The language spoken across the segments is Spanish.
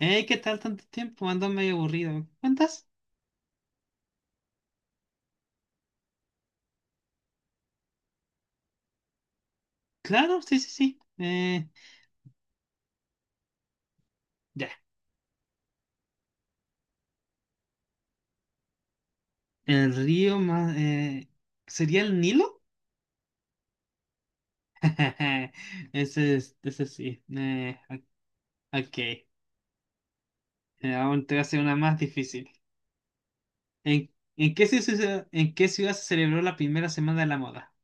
Hey, ¿qué tal tanto tiempo? Ando medio aburrido. ¿Me cuentas? Claro, sí, sí, sí. Ya. El río más, ¿sería el Nilo? Ese es, ese sí. Ok. Aún te voy a hacer una más difícil. ¿En, ¿en qué ciudad se celebró la primera semana de la moda?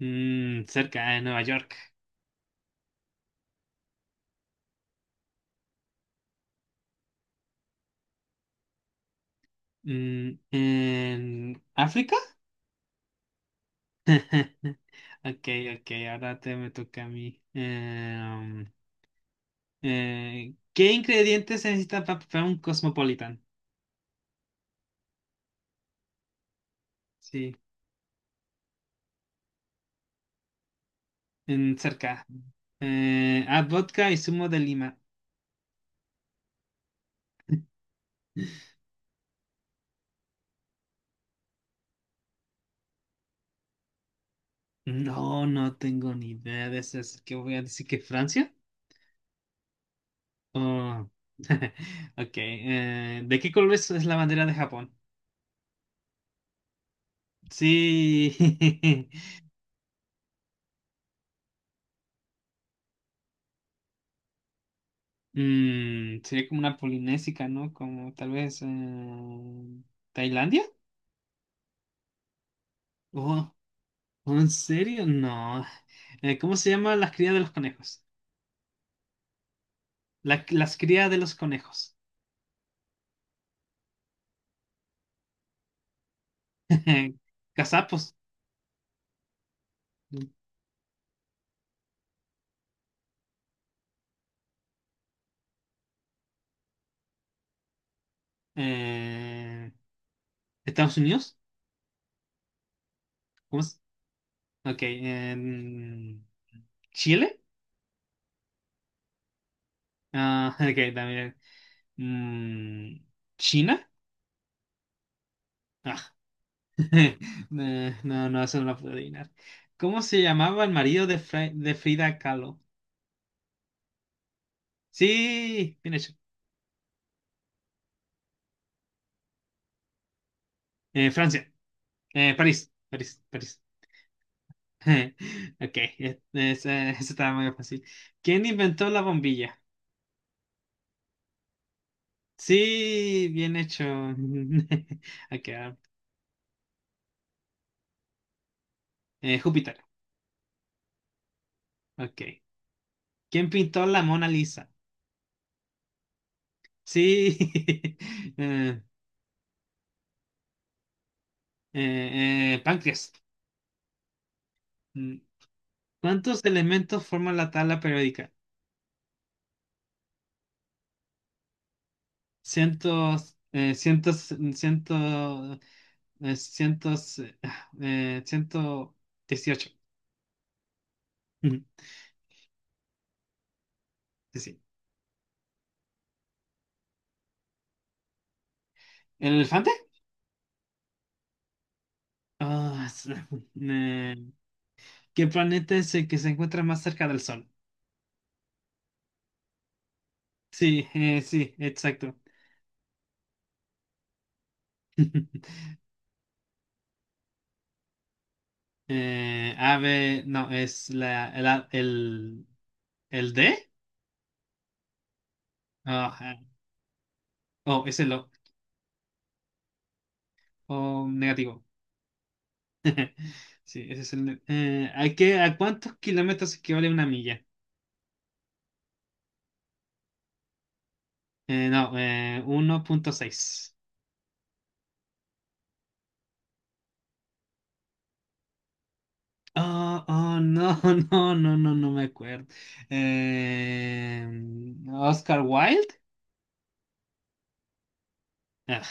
Mm, cerca de Nueva York. Mm, ¿en África? Ok, ok, ahora te me toca a mí. ¿Qué ingredientes se necesitan para preparar un cosmopolitan? Sí, en cerca. Vodka y zumo de lima. No, no tengo ni idea de eso. ¿Qué voy a decir que Francia? Oh. Ok. ¿De qué es la bandera de Japón? Sí. Mm, sería como una polinésica, ¿no? Como tal vez, Tailandia. Oh, ¿en serio? No. ¿Cómo se llama las crías de los conejos? Las crías de los conejos. Gazapos. Eh, Estados Unidos. ¿Cómo es? Ok. en Chile. Ah, ok, también. Mm, China. Ah, eh, no, no, eso no lo puedo adivinar. ¿Cómo se llamaba el marido de Frida Kahlo? Sí, bien hecho. Francia. París. París. París. Ok, esa estaba muy fácil. ¿Quién inventó la bombilla? Sí, bien hecho. Acá. Júpiter. Ok. ¿Quién pintó la Mona Lisa? Sí. Páncreas. Mm. ¿Cuántos elementos forman la tabla periódica? Cientos, eh, cientos, ciento, eh, cientos, eh, 118. Ujú, Sí. sí. ¿El elefante? Ah, es- eh, ¿qué planeta es el que se encuentra más cerca del Sol? Sí, sí, exacto. Ave, no, es la, el, a- el, el D. Ah, ja. Oh, es el O. O negativo. Sí, ese es el. ¿a cuántos kilómetros equivale una milla? No, 1.6. Oh, oh, no, no, no, no, no me acuerdo. Eh, Oscar Wilde. Ah,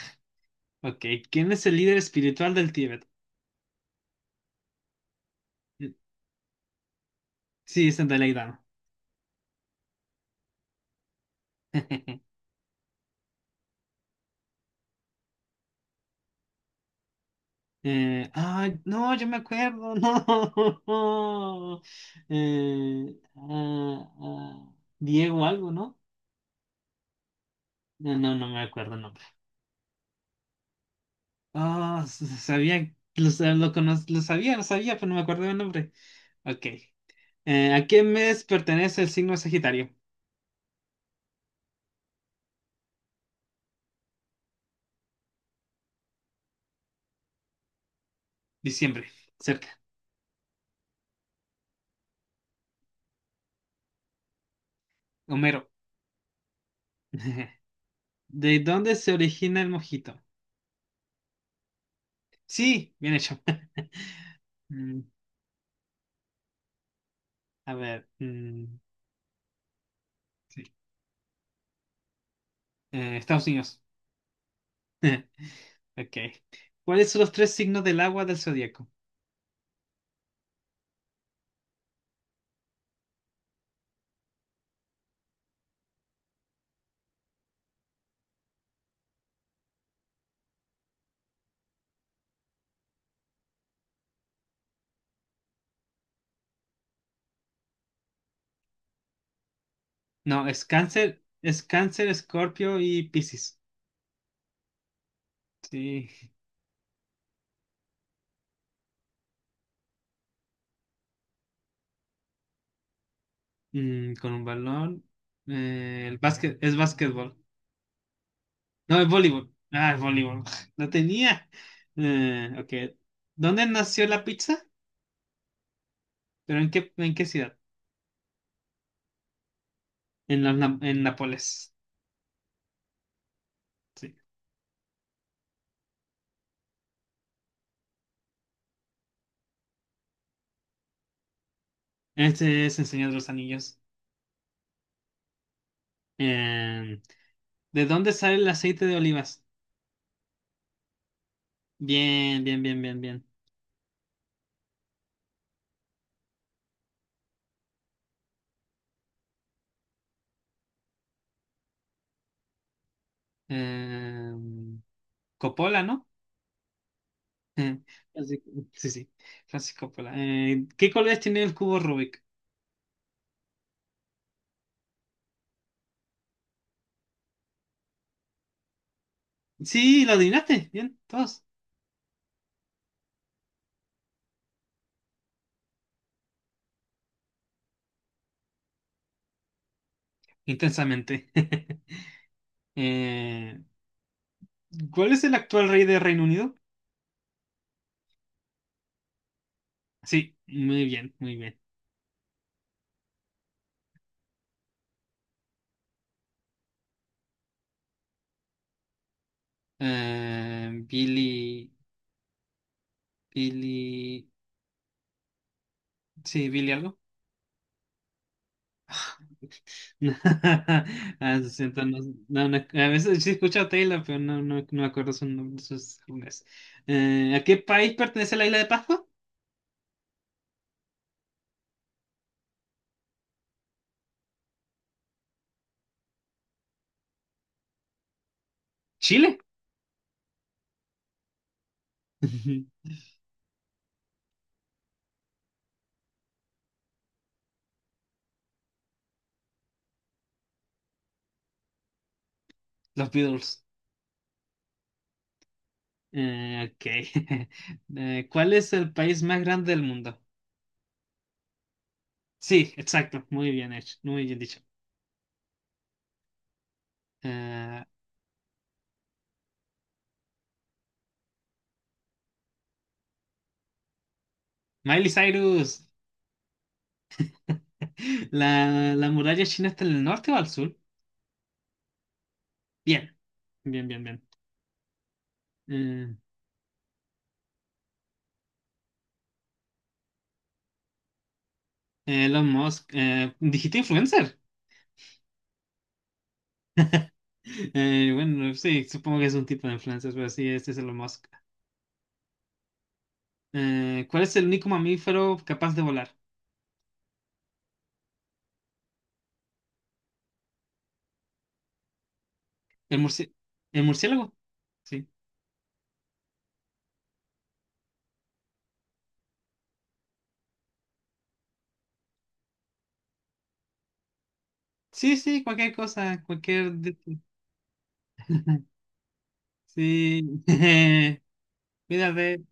ok, ¿quién es el líder espiritual del Tíbet? Mm, sí, es el Dalai Lama. No, yo me acuerdo, no. Eh, ah, ah, Diego algo, ¿no? No, no, no me acuerdo el nombre. Ah, s- sabía, lo, sa- lo, conoz- lo sabía, pero no me acuerdo el nombre. Ok. ¿A qué mes pertenece el signo Sagitario? Diciembre, cerca. Homero. ¿De dónde se origina el mojito? Sí, bien hecho. Mm, a ver. Sí. Estados Unidos. Ok. ¿Cuáles son los tres signos del agua del zodiaco? No, es Cáncer, Escorpio y Piscis. Sí. Mm, con un balón. Es básquetbol. No, es voleibol. Ah, es voleibol. Lo tenía. Eh, ok. ¿Dónde nació la pizza? ¿En qué ciudad? En Nápoles. Sí. Este es el Señor de los Anillos. Eh, ¿De dónde sale el aceite de olivas? Bien, bien, bien, bien, bien. Eh, Coppola, ¿no? Eh, así- sí, sí, Francisco Coppola. ¿Qué colores tiene el cubo Rubik? Sí, lo adivinaste, bien, todos. Intensamente. Eh, ¿cuál es el actual rey de Reino Unido? Sí, muy bien, muy bien. Eh, Billy, Billy, sí, Billy algo. Ah, lo siento, no- a veces sí escucho a Taylor, pero no, no, no me acuerdo su nombre, sus nombres. ¿A qué país pertenece la isla de Pascua? Chile. Los Beatles. Ok. ¿Cuál es el país más grande del mundo? Sí, exacto. Muy bien hecho. Muy bien dicho. Eh, Miley Cyrus. La muralla china está en el norte o al sur? Bien, bien, bien, bien. Eh, Elon Musk. ¿Dijiste influencer? Bueno, sí, supongo que es un tipo de influencer, pero sí, este es Elon Musk. ¿Cuál es el único mamífero capaz de volar? ¿El murci- el murciélago? Sí. Sí, sí, cualquier cosa, cualquier... Sí, mira ve